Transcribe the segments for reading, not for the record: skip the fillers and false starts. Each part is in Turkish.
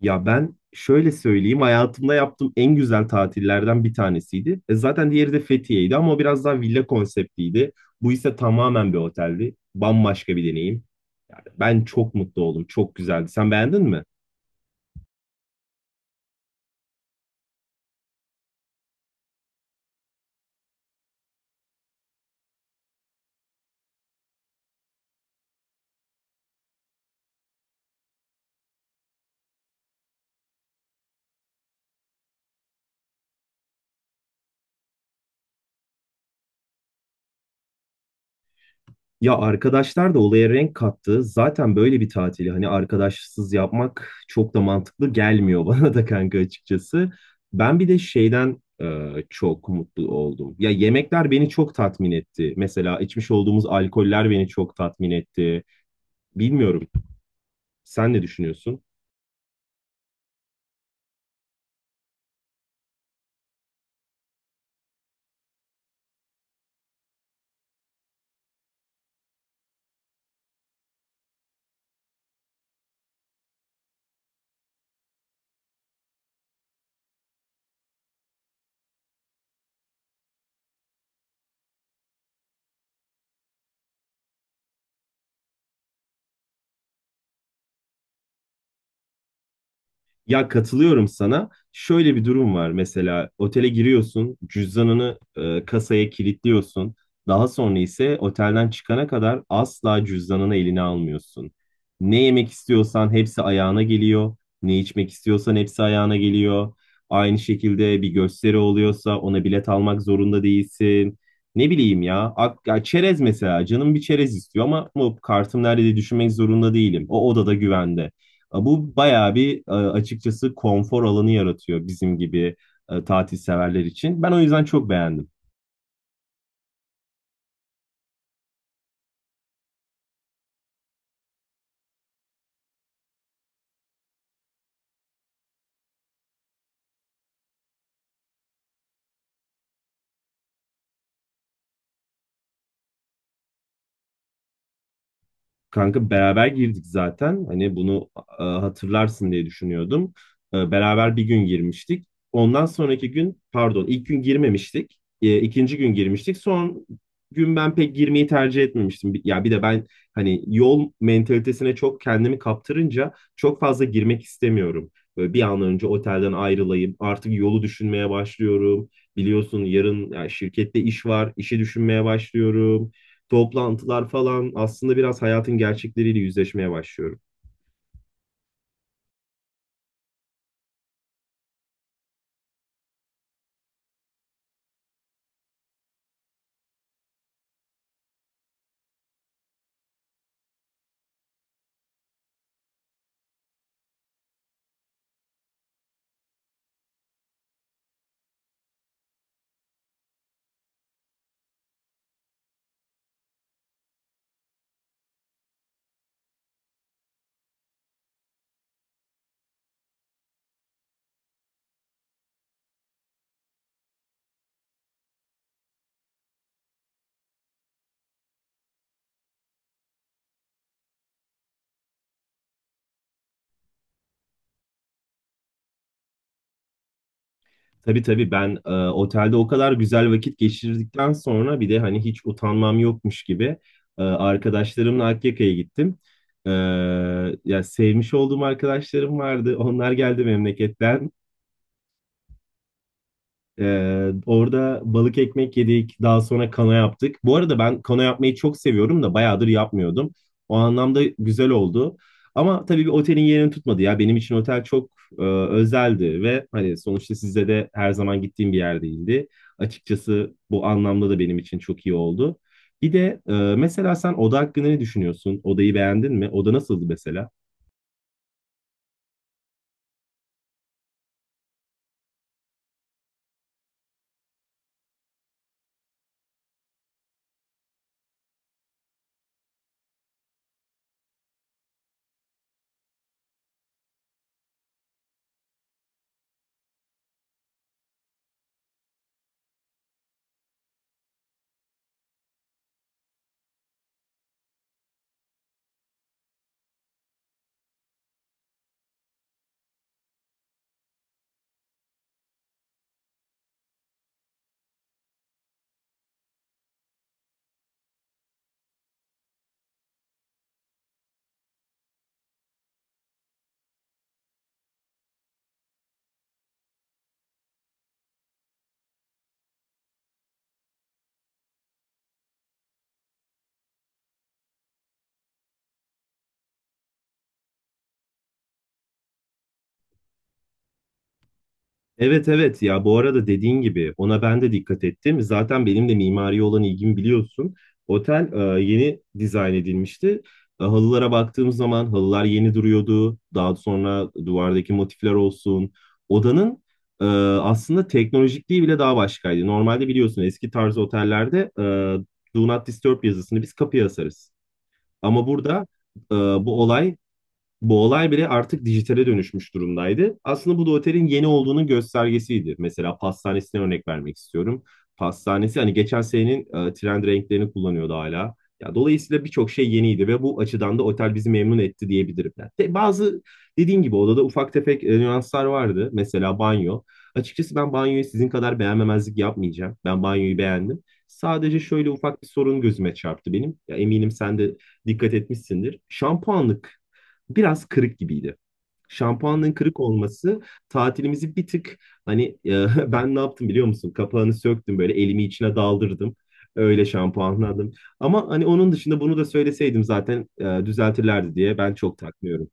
Ya ben şöyle söyleyeyim, hayatımda yaptığım en güzel tatillerden bir tanesiydi. E zaten diğeri de Fethiye'ydi ama o biraz daha villa konseptliydi. Bu ise tamamen bir oteldi. Bambaşka bir deneyim. Yani ben çok mutlu oldum, çok güzeldi. Sen beğendin mi? Ya arkadaşlar da olaya renk kattı. Zaten böyle bir tatili hani arkadaşsız yapmak çok da mantıklı gelmiyor bana da kanka açıkçası. Ben bir de şeyden çok mutlu oldum. Ya yemekler beni çok tatmin etti. Mesela içmiş olduğumuz alkoller beni çok tatmin etti. Bilmiyorum. Sen ne düşünüyorsun? Ya katılıyorum sana. Şöyle bir durum var mesela otele giriyorsun, cüzdanını kasaya kilitliyorsun. Daha sonra ise otelden çıkana kadar asla cüzdanını eline almıyorsun. Ne yemek istiyorsan hepsi ayağına geliyor. Ne içmek istiyorsan hepsi ayağına geliyor. Aynı şekilde bir gösteri oluyorsa ona bilet almak zorunda değilsin. Ne bileyim ya, ya çerez mesela canım bir çerez istiyor ama bu kartım nerede diye düşünmek zorunda değilim. O odada güvende. Bu bayağı bir açıkçası konfor alanı yaratıyor bizim gibi tatil severler için. Ben o yüzden çok beğendim. Kanka beraber girdik zaten. Hani bunu hatırlarsın diye düşünüyordum. Beraber bir gün girmiştik. Ondan sonraki gün, pardon, ilk gün girmemiştik. İkinci gün girmiştik. Son gün ben pek girmeyi tercih etmemiştim. Ya bir de ben hani yol mentalitesine çok kendimi kaptırınca çok fazla girmek istemiyorum. Böyle bir an önce otelden ayrılayım. Artık yolu düşünmeye başlıyorum. Biliyorsun yarın ya şirkette iş var. İşi düşünmeye başlıyorum, toplantılar falan, aslında biraz hayatın gerçekleriyle yüzleşmeye başlıyorum. Tabii tabii, ben otelde o kadar güzel vakit geçirdikten sonra bir de hani hiç utanmam yokmuş gibi arkadaşlarımla Akyaka'ya gittim. E, Ya sevmiş olduğum arkadaşlarım vardı. Onlar geldi memleketten. Orada balık ekmek yedik. Daha sonra kana yaptık. Bu arada ben kana yapmayı çok seviyorum da bayağıdır yapmıyordum. O anlamda güzel oldu. Ama tabii bir otelin yerini tutmadı ya. Benim için otel çok özeldi ve hani sonuçta sizde de her zaman gittiğim bir yer değildi. Açıkçası bu anlamda da benim için çok iyi oldu. Bir de mesela sen oda hakkında ne düşünüyorsun? Odayı beğendin mi? Oda nasıldı mesela? Evet evet, ya bu arada dediğin gibi ona ben de dikkat ettim. Zaten benim de mimariye olan ilgimi biliyorsun. Otel yeni dizayn edilmişti. E, halılara baktığım zaman halılar yeni duruyordu. Daha sonra duvardaki motifler olsun. Odanın e, aslında teknolojikliği bile daha başkaydı. Normalde biliyorsun, eski tarz otellerde Do Not Disturb yazısını biz kapıya asarız. Ama burada e, bu olay bu olay bile artık dijitale dönüşmüş durumdaydı. Aslında bu da otelin yeni olduğunun göstergesiydi. Mesela pastanesine örnek vermek istiyorum. Pastanesi hani geçen senenin trend renklerini kullanıyordu hala. Ya dolayısıyla birçok şey yeniydi ve bu açıdan da otel bizi memnun etti diyebilirim. Yani bazı dediğim gibi odada ufak tefek nüanslar vardı. Mesela banyo. Açıkçası ben banyoyu sizin kadar beğenmemezlik yapmayacağım. Ben banyoyu beğendim. Sadece şöyle ufak bir sorun gözüme çarptı benim. Ya eminim sen de dikkat etmişsindir. Şampuanlık biraz kırık gibiydi. Şampuanın kırık olması tatilimizi bir tık hani... Ben ne yaptım biliyor musun? Kapağını söktüm, böyle elimi içine daldırdım. Öyle şampuanladım. Ama hani onun dışında bunu da söyleseydim zaten düzeltirlerdi diye ben çok takmıyorum.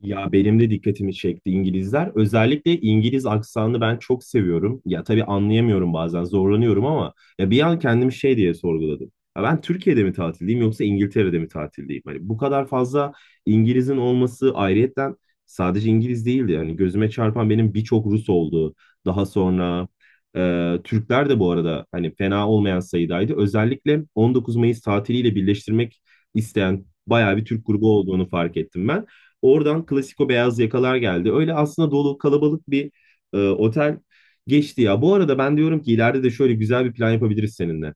Ya benim de dikkatimi çekti İngilizler. Özellikle İngiliz aksanını ben çok seviyorum. Ya tabii anlayamıyorum, bazen zorlanıyorum, ama ya bir an kendimi şey diye sorguladım. Ya ben Türkiye'de mi tatildeyim yoksa İngiltere'de mi tatildeyim? Hani bu kadar fazla İngiliz'in olması, ayrıyetten sadece İngiliz değildi. Hani gözüme çarpan benim birçok Rus oldu. Daha sonra Türkler de bu arada hani fena olmayan sayıdaydı. Özellikle 19 Mayıs tatiliyle birleştirmek isteyen bayağı bir Türk grubu olduğunu fark ettim ben. Oradan klasiko beyaz yakalar geldi. Öyle aslında dolu kalabalık bir otel geçti ya. Bu arada ben diyorum ki ileride de şöyle güzel bir plan yapabiliriz seninle.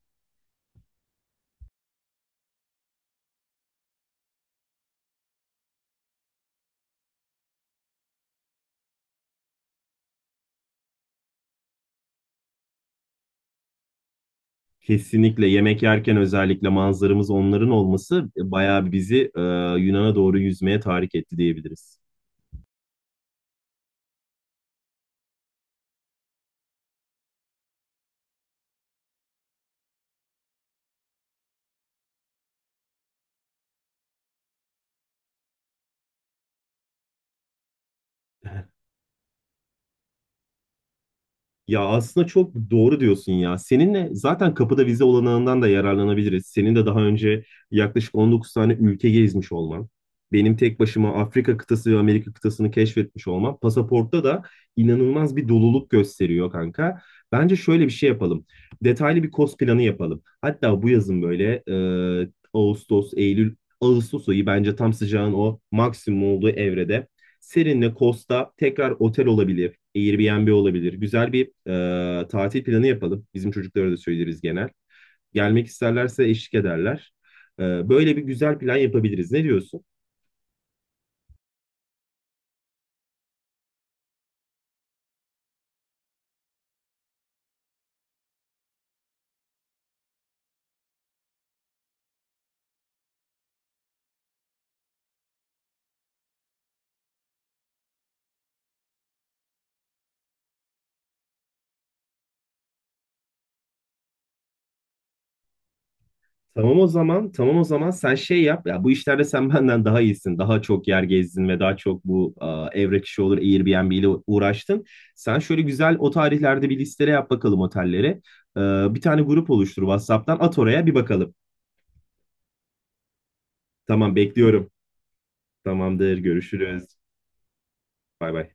Kesinlikle yemek yerken özellikle manzaramız onların olması bayağı bizi Yunan'a doğru yüzmeye tahrik etti diyebiliriz. Ya aslında çok doğru diyorsun ya. Seninle zaten kapıda vize olanağından da yararlanabiliriz. Senin de daha önce yaklaşık 19 tane ülke gezmiş olman, benim tek başıma Afrika kıtası ve Amerika kıtasını keşfetmiş olmam, pasaportta da inanılmaz bir doluluk gösteriyor kanka. Bence şöyle bir şey yapalım. Detaylı bir kos planı yapalım. Hatta bu yazın böyle Ağustos, Eylül, Ağustos ayı bence tam sıcağın o maksimum olduğu evrede. Serinle Kosta tekrar otel olabilir. Airbnb olabilir. Güzel bir tatil planı yapalım. Bizim çocuklara da söyleriz genel. Gelmek isterlerse eşlik ederler. E, Böyle bir güzel plan yapabiliriz. Ne diyorsun? Tamam o zaman, tamam o zaman sen şey yap. Ya bu işlerde sen benden daha iyisin. Daha çok yer gezdin ve daha çok bu evrak işi olur Airbnb ile uğraştın. Sen şöyle güzel o tarihlerde bir listele yap bakalım otellere. E, Bir tane grup oluştur, WhatsApp'tan at, oraya bir bakalım. Tamam bekliyorum. Tamamdır, görüşürüz. Bay bay.